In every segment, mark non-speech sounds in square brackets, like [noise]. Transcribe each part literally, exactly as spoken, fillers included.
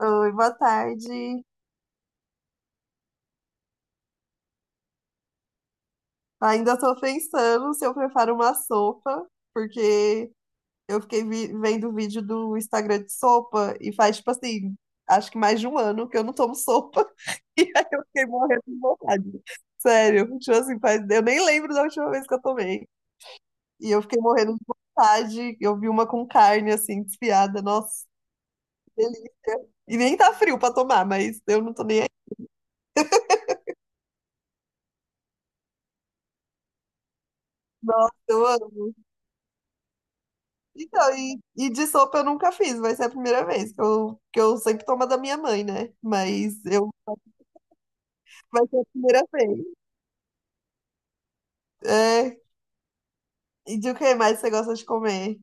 Oi, boa tarde. Ainda estou pensando se eu preparo uma sopa, porque eu fiquei vi- vendo vídeo do Instagram de sopa e faz, tipo assim, acho que mais de um ano que eu não tomo sopa. [laughs] E aí eu fiquei morrendo de vontade. Sério, tipo assim, faz, eu nem lembro da última vez que eu tomei. E eu fiquei morrendo de vontade. Eu vi uma com carne, assim, desfiada. Nossa, que delícia. E nem tá frio pra tomar, mas eu não tô nem aí. Nossa, eu amo. Então, e, e de sopa eu nunca fiz, vai ser a primeira vez, que eu, que eu sempre tomo a da minha mãe, né? Mas eu, vai ser a primeira vez. É, e de o que mais você gosta de comer?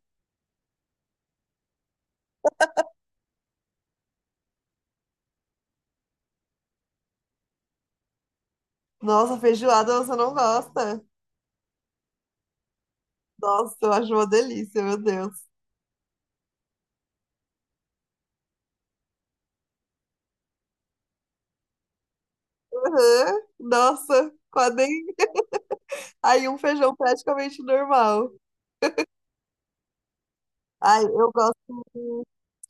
Nossa, feijoada você não gosta? Nossa, eu acho uma delícia, meu Deus. Aham. Nossa, quase nem... Aí um feijão praticamente normal. Ai, eu gosto.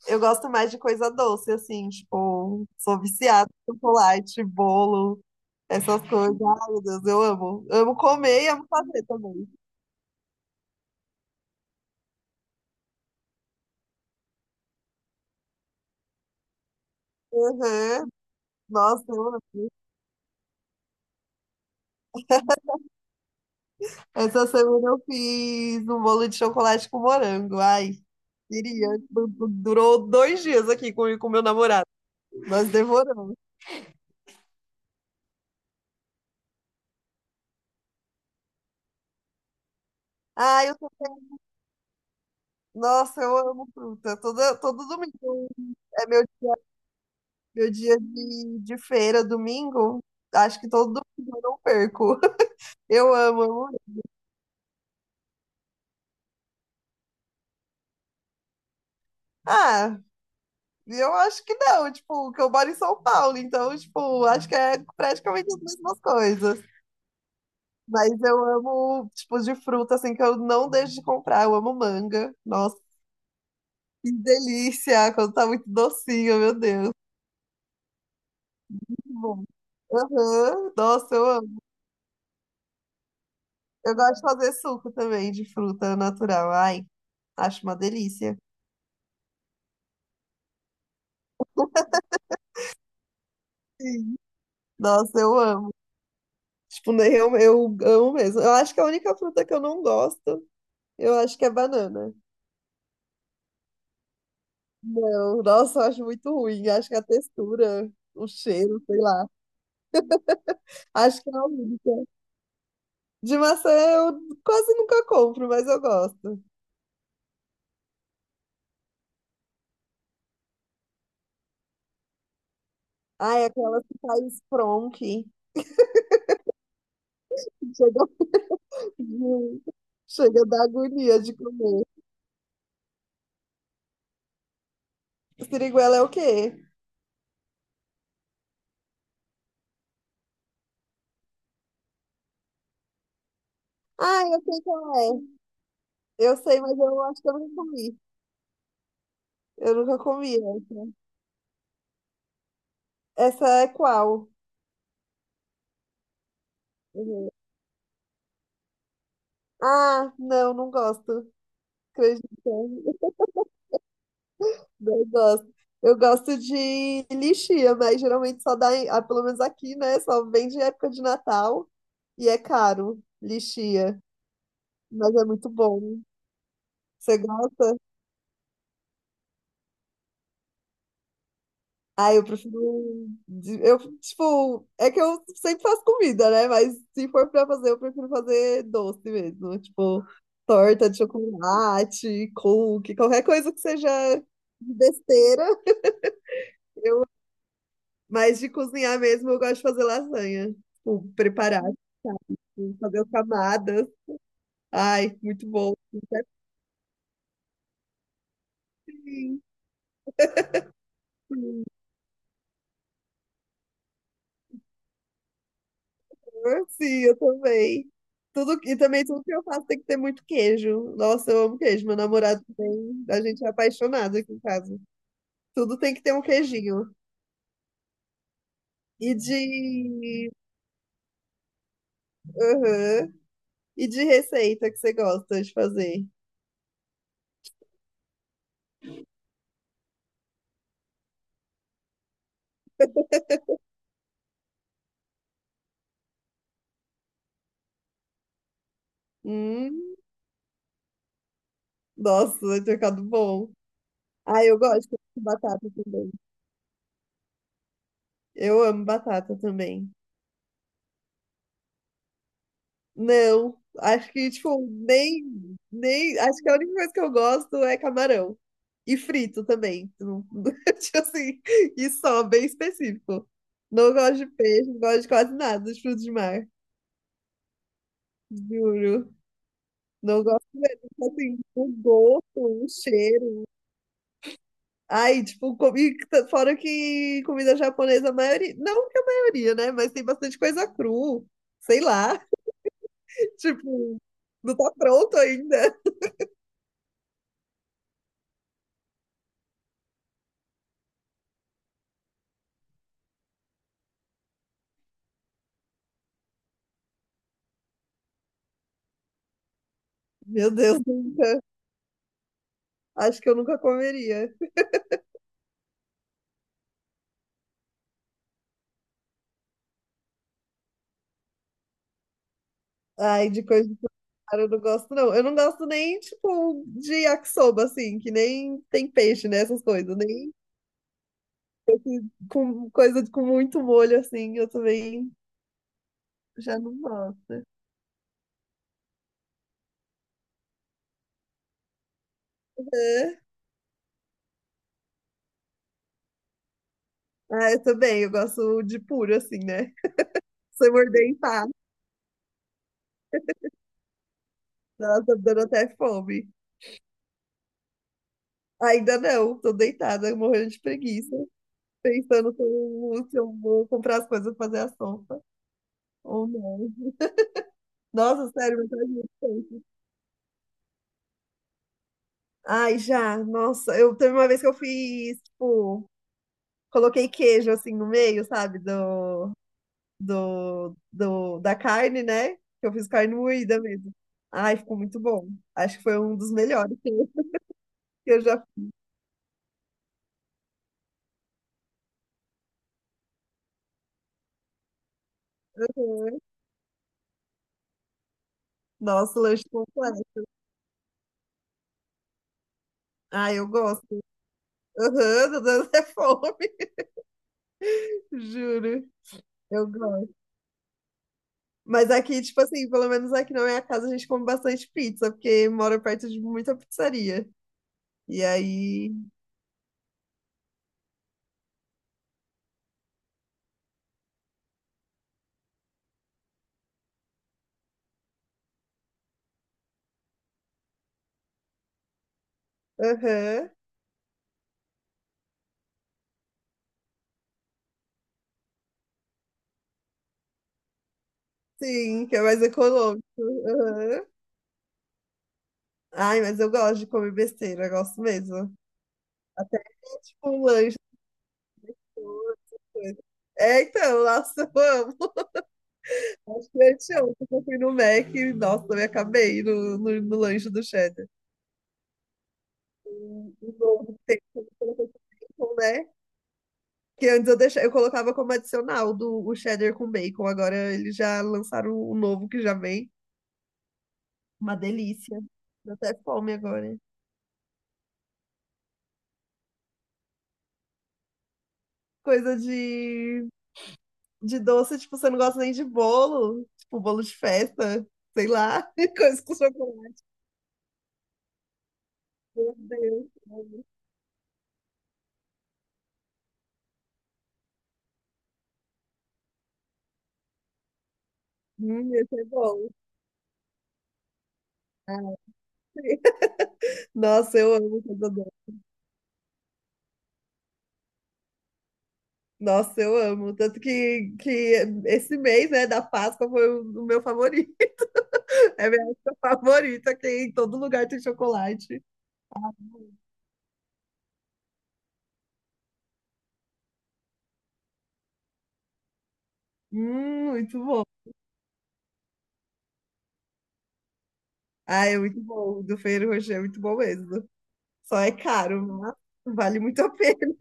Eu gosto mais de coisa doce, assim, tipo, sou viciada em chocolate, bolo, essas coisas. Ai, meu Deus, eu amo. Amo comer e amo fazer também. Uhum. Nossa, eu amo. Essa semana eu fiz um bolo de chocolate com morango. Ai, queria. Du- du- Durou dois dias aqui com com meu namorado. Nós devoramos. Ai, eu tô... Nossa, eu amo fruta. Todo, todo domingo é meu, meu dia de, de feira, domingo. Acho que todo domingo eu não perco. Eu amo, amo. Ah, eu acho que não, tipo, que eu moro em São Paulo, então, tipo, acho que é praticamente as mesmas coisas. Mas eu amo, tipo, de fruta, assim, que eu não deixo de comprar. Eu amo manga. Nossa, que delícia, quando tá muito docinho, meu Deus. Muito bom. Aham. Nossa, eu amo. Eu gosto de fazer suco também de fruta natural. Ai, acho uma delícia. Sim. Nossa, eu amo. Tipo, né, eu, eu amo mesmo. Eu acho que a única fruta que eu não gosto, eu acho que é banana. Não, nossa, eu acho muito ruim. Acho que a textura, o cheiro, sei lá. Acho que é a única. De maçã eu quase nunca compro, mas eu gosto. Ah, é aquela que faz fronque. Chega, [laughs] chega da agonia de comer. Siriguela é o quê? Ah, eu sei qual é. Eu sei, mas eu acho que eu nunca comi. Eu nunca comi essa. Essa é qual? Uhum. Ah, não, não gosto. Acredita? Eu gosto. Eu gosto de lixia, mas geralmente só dá, em- ah, pelo menos aqui, né? Só vende em época de Natal e é caro, lixia. Mas é muito bom. Você gosta? Ah, eu prefiro. de- Eu, tipo, é que eu sempre faço comida, né? Mas se for pra fazer, eu prefiro fazer doce mesmo. Tipo, torta de chocolate, cookie, qualquer coisa que seja de besteira. Mas de cozinhar mesmo, eu gosto de fazer lasanha. Tipo, preparar. Sim, fazer camadas. Ai, muito bom. Sim, senhor. Sim, eu também. Tudo, e também tudo que eu faço tem que ter muito queijo. Nossa, eu amo queijo. Meu namorado também, a gente é apaixonado aqui em casa. Tudo tem que ter um queijinho. E de, aham. E de receita que você gosta de fazer? Hum, nossa, vai ter ficado bom. Ah, eu gosto de batata também. Eu amo batata também. Não, acho que, tipo, nem, nem. Acho que a única coisa que eu gosto é camarão. E frito também. Não- [laughs] Tipo assim, e só, bem específico. Não gosto de peixe, não gosto de quase nada de frutos de mar. Juro. Não gosto mesmo. Tipo assim, o gosto, o cheiro. Ai, tipo, comi, fora que comida japonesa, a maioria. Não que a maioria, né? Mas tem bastante coisa cru. Sei lá. [laughs] Tipo, não tá pronto ainda. Meu Deus, nunca. Acho que eu nunca comeria. Ai, de coisa de mar eu não gosto, não. Eu não gosto nem, tipo, de yakisoba, assim, que nem tem peixe, né? Essas coisas. Nem com coisa de- com muito molho, assim, eu também já não gosto. É. Ah, eu também, eu gosto de puro, assim, né? Se eu morder em pá, nossa, tá me dando até fome. Ainda não, tô deitada, morrendo de preguiça, pensando se eu, se eu vou comprar as coisas pra fazer a sopa ou não. Nossa, sério, mas faz muito tempo. Ai, já, nossa, eu teve uma vez que eu fiz, tipo, coloquei queijo assim no meio, sabe, do, do, do da carne, né? Que eu fiz carne moída mesmo. Ai, ficou muito bom. Acho que foi um dos melhores que eu que eu já fiz. Né. Nossa, lanche completo. Ai, eu gosto. Aham, tô dando até fome, [laughs] juro. Eu gosto. Mas aqui, tipo assim, pelo menos aqui na minha casa a gente come bastante pizza, porque mora perto de muita pizzaria. E aí, aham. Sim, que é mais econômico. Aham. Ai, mas eu gosto de comer besteira, eu gosto mesmo. Até tipo um lanche. Essas coisas. É, então, nossa, eu amo. Acho que anteontem eu fui no Mac e, nossa, eu me acabei no, no, no lanche do cheddar. O o novo que tem, que colocou com bacon, né? Que antes eu, deixava, eu colocava como adicional do, o cheddar com bacon. Agora eles já lançaram o novo que já vem. Uma delícia. Deu até fome agora. Coisa de de doce, tipo, você não gosta nem de bolo, tipo, bolo de festa, sei lá, [laughs] coisa com chocolate. Meu Deus, amo. Hum, esse é bom. Nossa, eu amo coisa doce. Nossa, eu amo. Tanto que, que esse mês, né, da Páscoa foi o o meu favorito. [laughs] É a minha época favorita, que em todo lugar tem chocolate. Hum, muito bom. Ah, é muito bom. O do Ferrero Rocher é muito bom mesmo. Só é caro, mas vale muito a pena.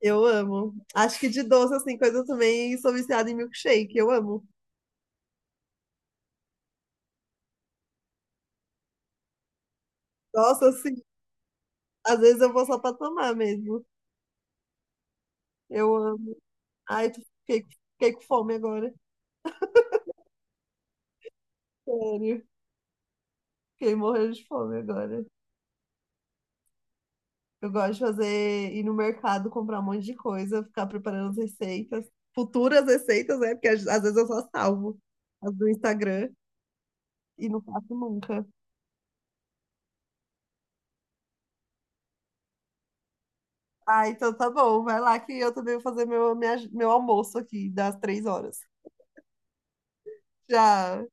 Eu amo. Acho que de doce, assim, coisa eu também, sou viciada em milkshake, eu amo. Nossa, assim, às vezes eu vou só pra tomar mesmo. Eu amo. Ai, tô- fiquei, fiquei com fome agora. Sério, fiquei morrendo de fome agora. Eu gosto de fazer, ir no mercado, comprar um monte de coisa, ficar preparando as receitas, futuras receitas, né? Porque às, às vezes eu só salvo as do Instagram e não faço nunca. Ah, então tá bom, vai lá que eu também vou fazer meu, minha- meu almoço aqui das três horas. Já.